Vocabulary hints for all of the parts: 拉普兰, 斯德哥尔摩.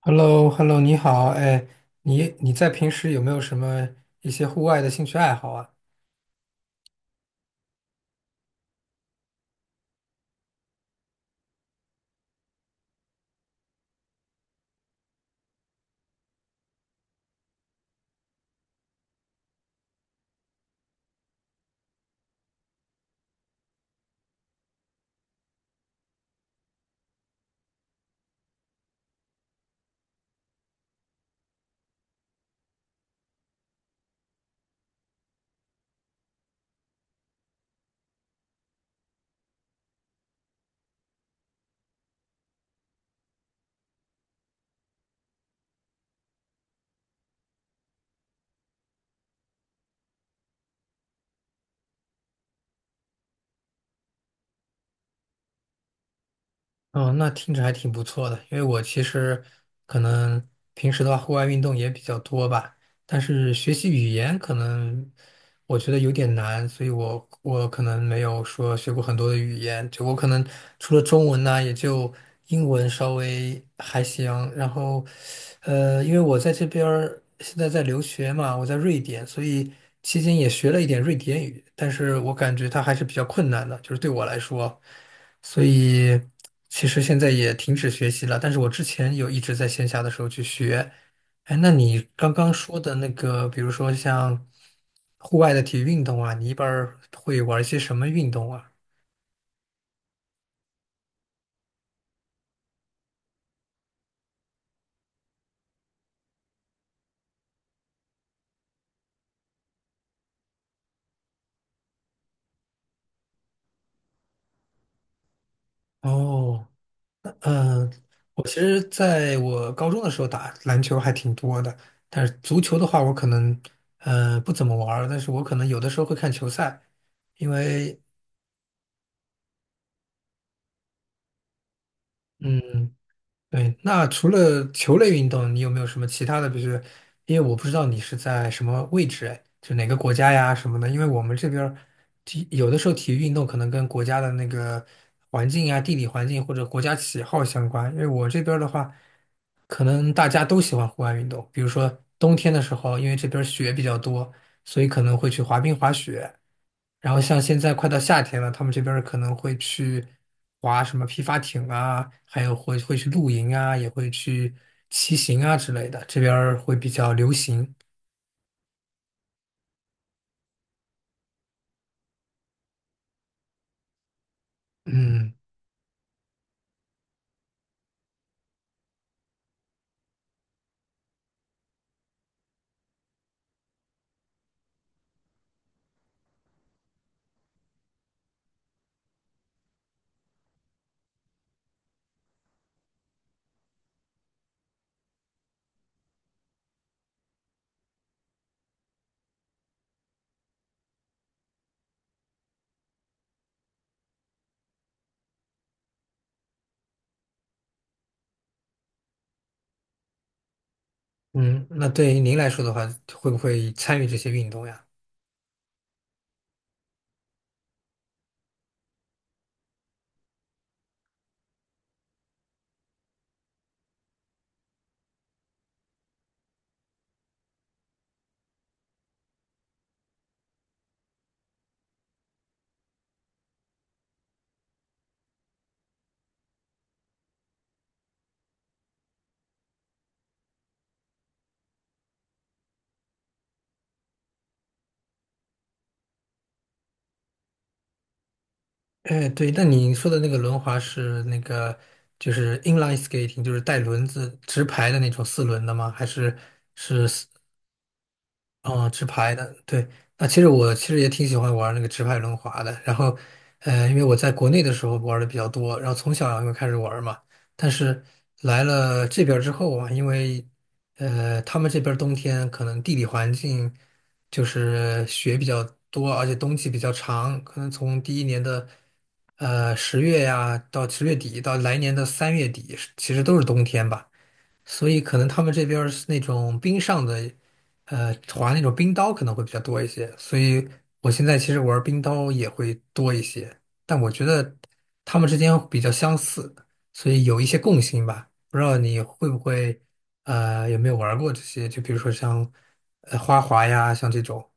h e l l o hello 你好，哎，你在平时有没有什么一些户外的兴趣爱好啊？哦，那听着还挺不错的，因为我其实可能平时的话，户外运动也比较多吧，但是学习语言可能我觉得有点难，所以我可能没有说学过很多的语言，就我可能除了中文呢，也就英文稍微还行。然后，因为我在这边儿现在在留学嘛，我在瑞典，所以期间也学了一点瑞典语，但是我感觉它还是比较困难的，就是对我来说，所以其实现在也停止学习了，但是我之前有一直在线下的时候去学。哎，那你刚刚说的那个，比如说像户外的体育运动啊，你一般儿会玩一些什么运动啊？哦，嗯，我其实在我高中的时候打篮球还挺多的，但是足球的话，我可能不怎么玩儿但是我可能有的时候会看球赛，因为嗯嗯，对，那除了球类运动，你有没有什么其他的？比如说，因为我不知道你是在什么位置，哎，就哪个国家呀什么的。因为我们这边儿有的时候体育运动可能跟国家的那个环境啊、地理环境或者国家喜好相关。因为我这边儿的话，可能大家都喜欢户外运动，比如说冬天的时候，因为这边儿雪比较多，所以可能会去滑冰、滑雪。然后像现在快到夏天了，他们这边儿可能会去划什么皮划艇啊，还有会去露营啊，也会去骑行啊之类的，这边儿会比较流行。嗯嗯，那对于您来说的话，会不会参与这些运动呀？哎，对，那你说的那个轮滑是那个就是 inline skating,就是带轮子直排的那种四轮的吗？还是是？哦，直排的，对，那其实我也挺喜欢玩那个直排轮滑的。然后，呃，因为我在国内的时候玩的比较多，然后从小就开始玩嘛。但是来了这边儿之后啊，因为他们这边儿冬天可能地理环境就是雪比较多，而且冬季比较长，可能从第一年的十月呀到10月底到来年的3月底，其实都是冬天吧。所以可能他们这边儿是那种冰上的，呃，滑那种冰刀可能会比较多一些。所以我现在其实玩冰刀也会多一些，但我觉得他们之间比较相似，所以有一些共性吧。不知道你会不会，呃，有没有玩过这些？就比如说像，呃，花滑呀，像这种。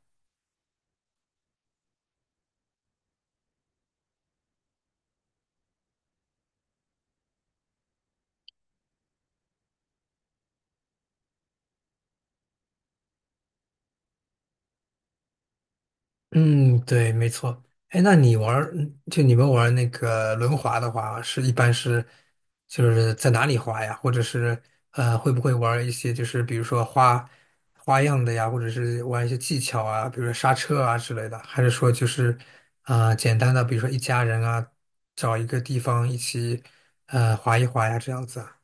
嗯，对，没错。哎，那你玩儿嗯就你们玩儿那个轮滑的话，是一般是就是在哪里滑呀？或者是呃，会不会玩儿一些就是比如说花样的呀，或者是玩一些技巧啊，比如说刹车啊之类的？还是说就是啊、呃简单的，比如说一家人啊，找一个地方一起呃滑一滑呀，这样子啊？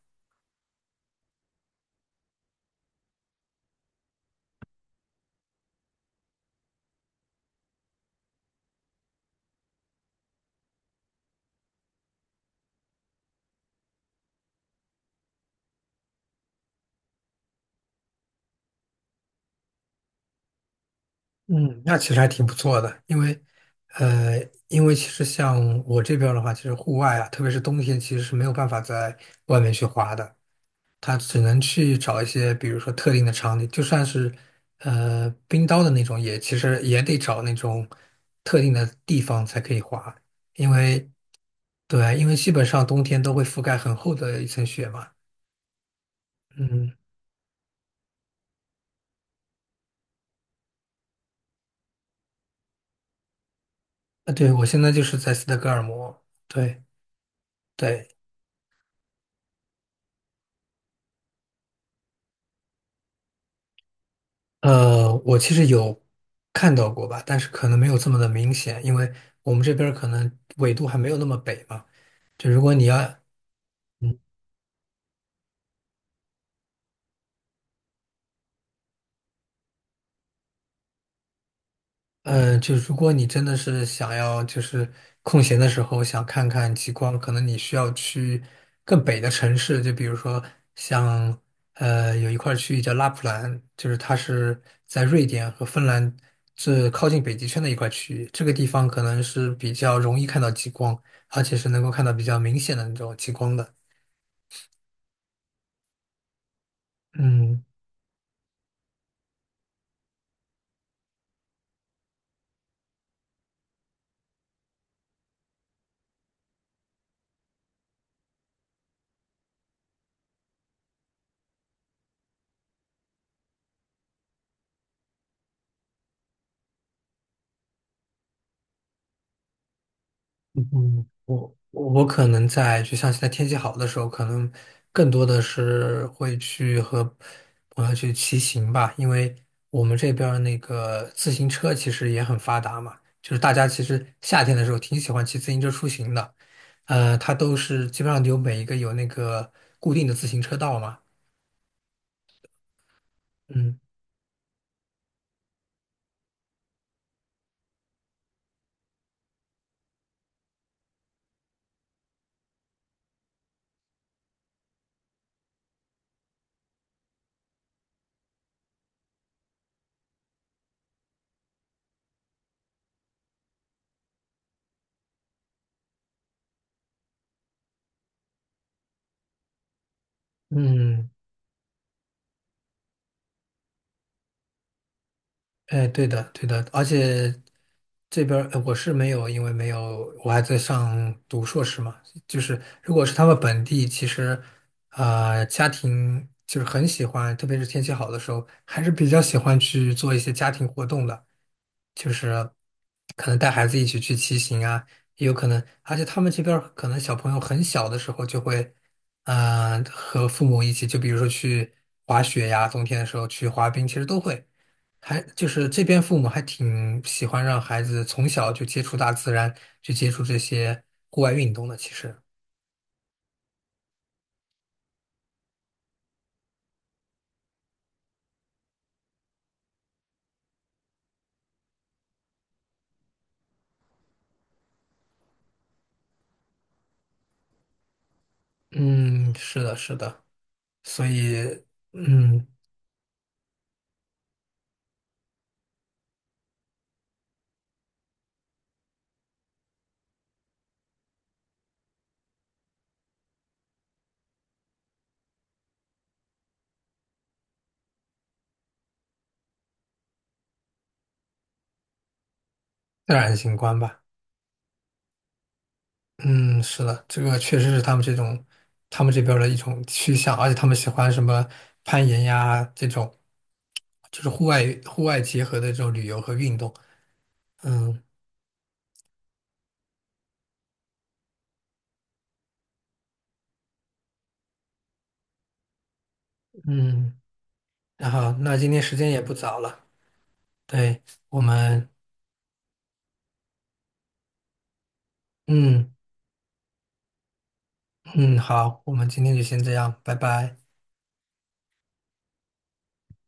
嗯，那其实还挺不错的，因为，呃，因为其实像我这边儿的话，其实户外啊，特别是冬天，其实是没有办法在外面去滑的，它只能去找一些，比如说特定的场地，就算是，呃，冰刀的那种也，其实也得找那种特定的地方才可以滑，因为，对，因为基本上冬天都会覆盖很厚的一层雪嘛。嗯，啊，对，我现在就是在斯德哥尔摩，对对，呃，我其实有看到过吧，但是可能没有这么的明显，因为我们这边儿可能纬度还没有那么北嘛。就如果你要，嗯，嗯，就如果你真的是想要，就是空闲的时候想看看极光，可能你需要去更北的城市，就比如说像有一块区域叫拉普兰，就是它是在瑞典和芬兰这靠近北极圈的一块区域，这个地方可能是比较容易看到极光，而且是能够看到比较明显的那种极光的。嗯。嗯，我可能在就像现在天气好的时候，可能更多的是会去和朋友去骑行吧，因为我们这边儿那个自行车其实也很发达嘛，就是大家其实夏天的时候挺喜欢骑自行车出行的，它都是基本上有每一个有那个固定的自行车道嘛，嗯嗯，哎，对的，对的，而且这边儿我是没有，因为没有，我还在上读硕士嘛。就是如果是他们本地，其实家庭就是很喜欢，特别是天气好的时候，还是比较喜欢去做一些家庭活动的。就是可能带孩子一起去骑行啊，也有可能，而且他们这边儿可能小朋友很小的时候就会，嗯、和父母一起，就比如说去滑雪呀，冬天的时候去滑冰，其实都会，还就是这边父母还挺喜欢让孩子从小就接触大自然，去接触这些户外运动的，其实，嗯，是的，是的，所以，嗯，自然景观吧。嗯，是的，这个确实是他们这种，他们这边儿的一种趋向，而且他们喜欢什么攀岩呀这种，就是户外结合的这种旅游和运动。嗯嗯，然后那今天时间也不早了，对，我们嗯嗯好，我们今天就先这样，拜拜。